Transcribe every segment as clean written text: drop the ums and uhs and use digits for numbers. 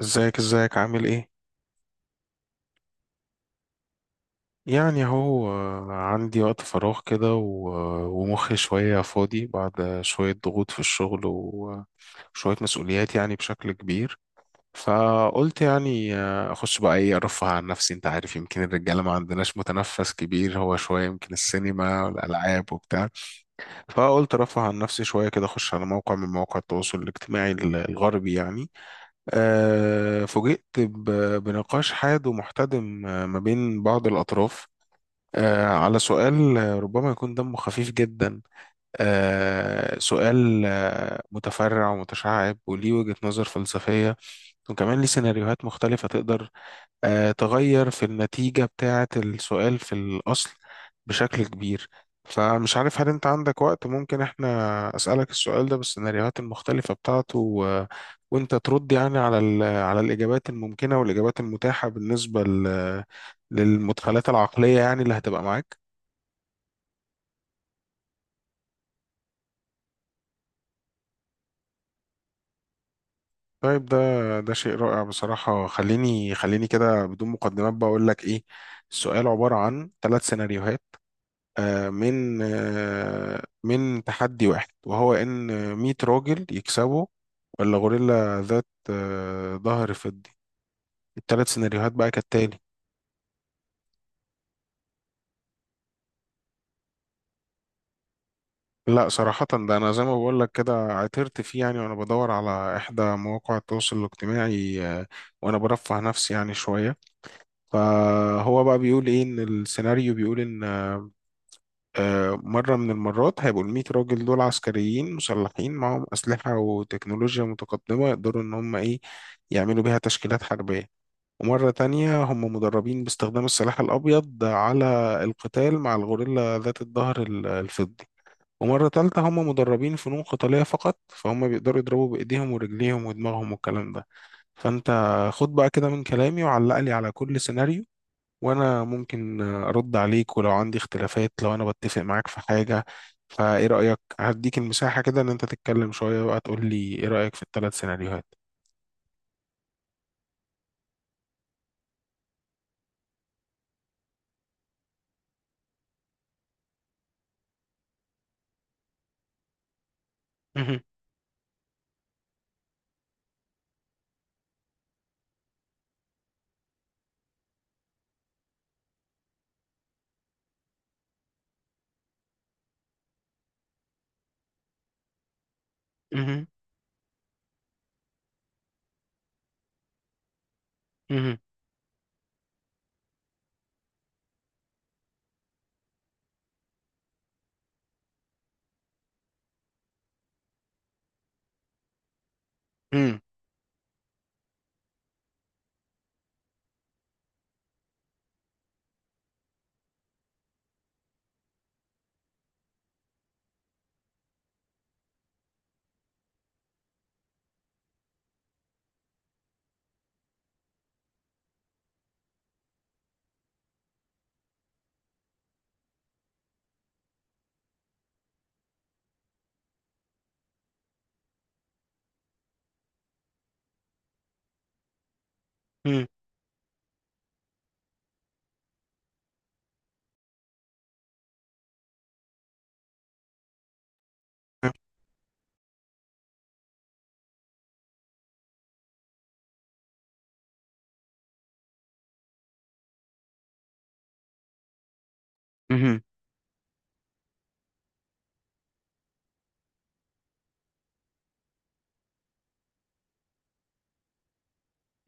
ازيك ازيك عامل ايه؟ يعني اهو، عندي وقت فراغ كده ومخي شوية فاضي بعد شوية ضغوط في الشغل وشوية مسؤوليات يعني بشكل كبير. فقلت يعني، اخش بقى ايه ارفه عن نفسي، انت عارف يمكن الرجالة ما عندناش متنفس كبير، هو شوية يمكن السينما والالعاب وبتاع. فقلت ارفه عن نفسي شوية كده، اخش على موقع من مواقع التواصل الاجتماعي الغربي يعني. فوجئت بنقاش حاد ومحتدم، ما بين بعض الأطراف، على سؤال ربما يكون دمه خفيف جدا. سؤال متفرع ومتشعب وليه وجهة نظر فلسفية، وكمان ليه سيناريوهات مختلفة تقدر تغير في النتيجة بتاعة السؤال في الأصل بشكل كبير. فمش عارف هل أنت عندك وقت ممكن إحنا أسألك السؤال ده بالسيناريوهات المختلفة بتاعته و... وأنت ترد يعني على ال... على الإجابات الممكنة والإجابات المتاحة بالنسبة ل... للمدخلات العقلية يعني اللي هتبقى معاك. طيب ده، ده شيء رائع بصراحة. خليني كده بدون مقدمات بقول لك إيه. السؤال عبارة عن ثلاث سيناريوهات، من تحدي واحد، وهو ان 100 راجل يكسبوا ولا غوريلا ذات ظهر فضي. الثلاث سيناريوهات بقى كالتالي: لا صراحة ده، أنا زي ما بقول لك كده عثرت فيه يعني وأنا بدور على إحدى مواقع التواصل الاجتماعي، وأنا برفه نفسي يعني شوية. فهو بقى بيقول إيه، إن السيناريو بيقول إن مرة من المرات هيبقوا الميت راجل دول عسكريين مسلحين معاهم أسلحة وتكنولوجيا متقدمة يقدروا إن هم إيه، يعملوا بيها تشكيلات حربية. ومرة تانية هم مدربين باستخدام السلاح الأبيض على القتال مع الغوريلا ذات الظهر الفضي. ومرة تالتة هم مدربين فنون قتالية فقط، فهم بيقدروا يضربوا بإيديهم ورجليهم ودماغهم والكلام ده. فأنت خد بقى كده من كلامي وعلق لي على كل سيناريو، وانا ممكن ارد عليك ولو عندي اختلافات، لو انا بتفق معاك في حاجة. فايه رأيك هديك المساحة كده ان انت تتكلم شوية بقى، تقول لي ايه رأيك في الثلاث سيناريوهات؟ مهم. مهم. مهم. مهم. مهم. مهم.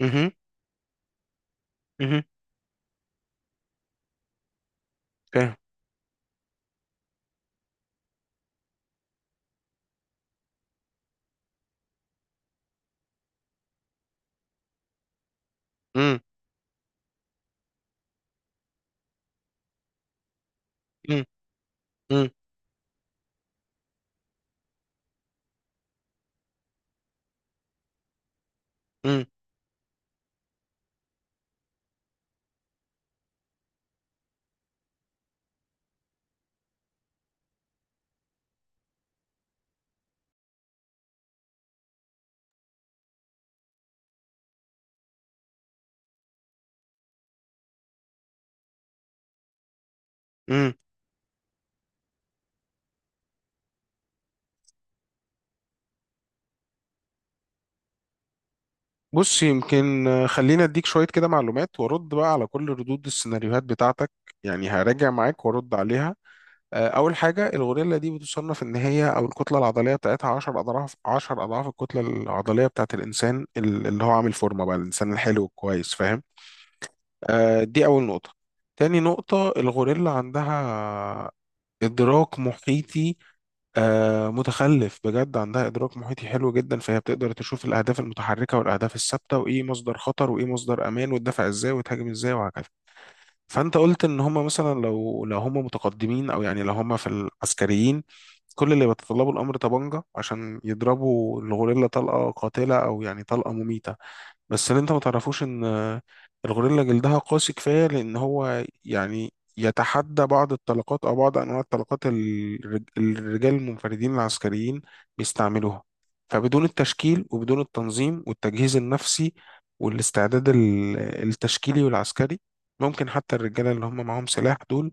مهم. مهم. فاهم. مم، مم، مم، مم، مم. بص يمكن، خلينا اديك شوية كده معلومات وارد بقى على كل ردود السيناريوهات بتاعتك، يعني هراجع معاك وارد عليها. أول حاجة، الغوريلا دي بتصنف إن هي أو الكتلة العضلية بتاعتها 10 أضعاف، 10 أضعاف الكتلة العضلية بتاعت الإنسان اللي هو عامل فورمة بقى، الإنسان الحلو الكويس، فاهم. دي أول نقطة. تاني نقطة، الغوريلا عندها إدراك محيطي، متخلف بجد، عندها إدراك محيطي حلو جدا، فهي بتقدر تشوف الأهداف المتحركة والأهداف الثابتة وإيه مصدر خطر وإيه مصدر أمان وتدافع إزاي وتهاجم إزاي وهكذا. فانت قلت ان هم مثلا، لو هم متقدمين او يعني لو هم في العسكريين، كل اللي بيتطلبوا الامر طبنجة عشان يضربوا الغوريلا طلقة قاتلة او يعني طلقة مميتة. بس اللي انت ما تعرفوش ان الغوريلا جلدها قاسي كفايه، لان هو يعني يتحدى بعض الطلقات او بعض انواع الطلقات الرجال المنفردين العسكريين بيستعملوها. فبدون التشكيل وبدون التنظيم والتجهيز النفسي والاستعداد التشكيلي والعسكري، ممكن حتى الرجاله اللي هم معاهم سلاح دول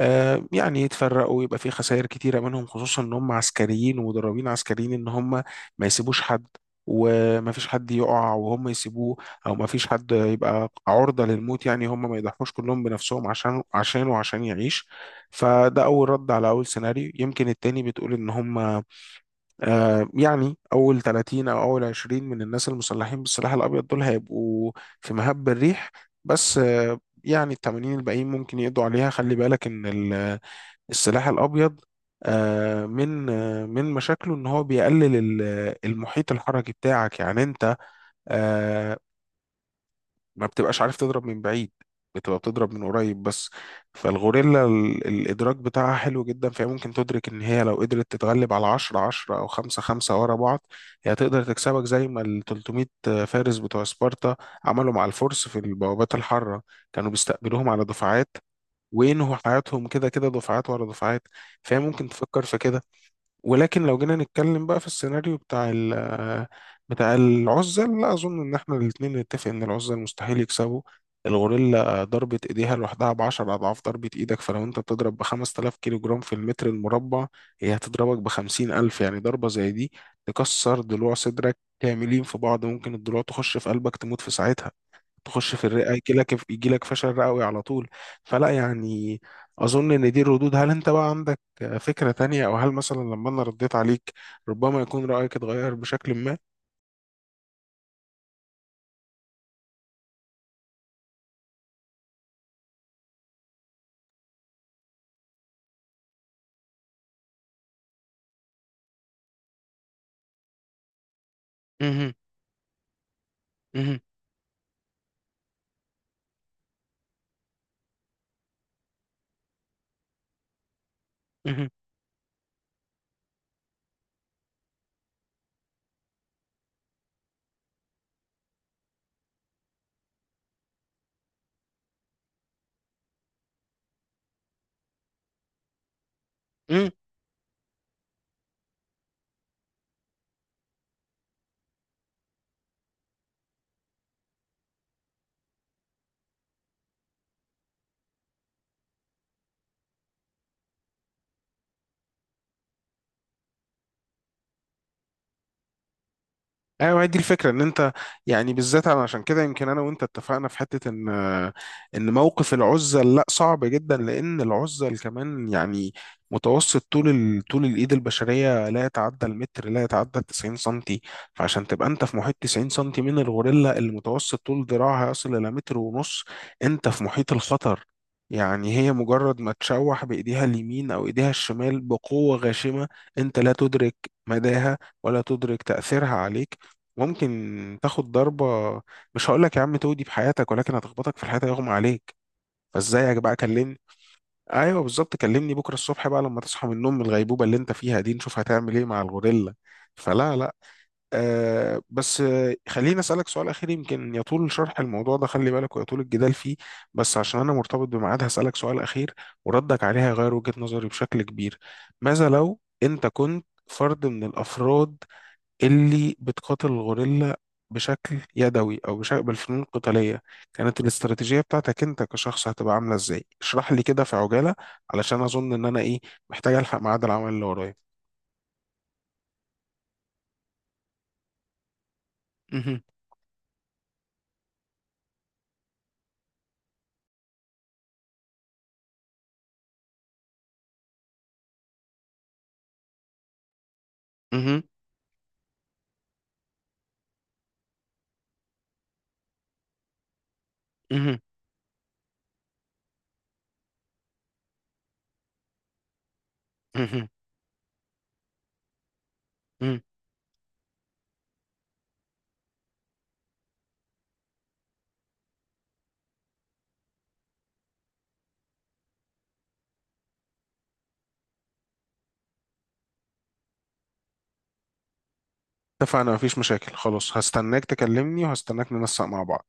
يعني يتفرقوا ويبقى في خسائر كتيرة منهم، خصوصا ان هم عسكريين ومدربين عسكريين ان هم ما يسيبوش حد، وما فيش حد يقع وهم يسيبوه، او ما فيش حد يبقى عرضة للموت يعني، هم ما يضحوش كلهم بنفسهم عشان عشان وعشان يعيش. فده اول رد على اول سيناريو. يمكن التاني بتقول ان هم يعني اول 30 او اول 20 من الناس المسلحين بالسلاح الابيض دول هيبقوا في مهب الريح، بس يعني ال 80 الباقيين ممكن يقضوا عليها. خلي بالك ان السلاح الابيض من مشاكله ان هو بيقلل المحيط الحركي بتاعك، يعني انت آه، ما بتبقاش عارف تضرب من بعيد، بتبقى بتضرب من قريب بس. فالغوريلا الادراك بتاعها حلو جدا، فهي ممكن تدرك ان هي لو قدرت تتغلب على 10 او 5 ورا بعض، هي تقدر تكسبك زي ما ال 300 فارس بتوع سبارتا عملوا مع الفرس في البوابات الحاره، كانوا بيستقبلوهم على دفعات وينهوا حياتهم كده، كده دفعات ورا دفعات. فهي ممكن تفكر في كده. ولكن لو جينا نتكلم بقى في السيناريو بتاع العزل، لا أظن إن إحنا الاتنين نتفق إن العزل مستحيل يكسبوا. الغوريلا ضربة إيديها لوحدها بعشر أضعاف ضربة إيدك، فلو أنت بتضرب بخمسة آلاف كيلو جرام في المتر المربع، هي هتضربك بخمسين ألف. يعني ضربة زي دي تكسر ضلوع صدرك كاملين في بعض، ممكن الضلوع تخش في قلبك تموت في ساعتها، تخش في الرئة يجي لك فشل رئوي على طول. فلا يعني، أظن إن دي الردود. هل أنت بقى عندك فكرة تانية، أو هل مثلا لما أنا رديت عليك ربما يكون رأيك اتغير بشكل ما؟ مهم. مهم. مهم. ايوه هي دي الفكره، ان انت يعني بالذات. انا عشان كده يمكن انا وانت اتفقنا في حته، ان ان موقف العزل لا، صعب جدا، لان العزل كمان يعني متوسط طول ال... طول الايد البشريه لا يتعدى المتر، لا يتعدى 90 سنتي. فعشان تبقى انت في محيط 90 سنتي من الغوريلا اللي متوسط طول ذراعها يصل الى متر ونص، انت في محيط الخطر. يعني هي مجرد ما تشوح بإيديها اليمين أو إيديها الشمال بقوة غاشمة، أنت لا تدرك مداها ولا تدرك تأثيرها عليك. ممكن تاخد ضربة مش هقول لك يا عم تودي بحياتك، ولكن هتخبطك في الحياة يغمى عليك. فازيك بقى كلمني. ايوه بالظبط، كلمني بكرة الصبح بقى لما تصحى من النوم، من الغيبوبة اللي انت فيها دي، نشوف هتعمل ايه مع الغوريلا. فلا لا. آه بس آه، خليني اسألك سؤال اخير. يمكن يطول شرح الموضوع ده خلي بالك، ويطول الجدال فيه، بس عشان انا مرتبط بميعاد هسألك سؤال اخير وردك عليه هيغير وجهة نظري بشكل كبير. ماذا لو انت كنت فرد من الافراد اللي بتقاتل الغوريلا بشكل يدوي او بشكل بالفنون القتاليه، كانت الاستراتيجيه بتاعتك انت كشخص هتبقى عامله ازاي؟ اشرح لي كده في عجاله علشان اظن ان انا ايه، محتاج الحق ميعاد العمل اللي ورايا. مهم. مهم. مهم. مهم. مهم. اتفقنا، مفيش مشاكل، خلاص هستناك تكلمني وهستناك ننسق مع بعض.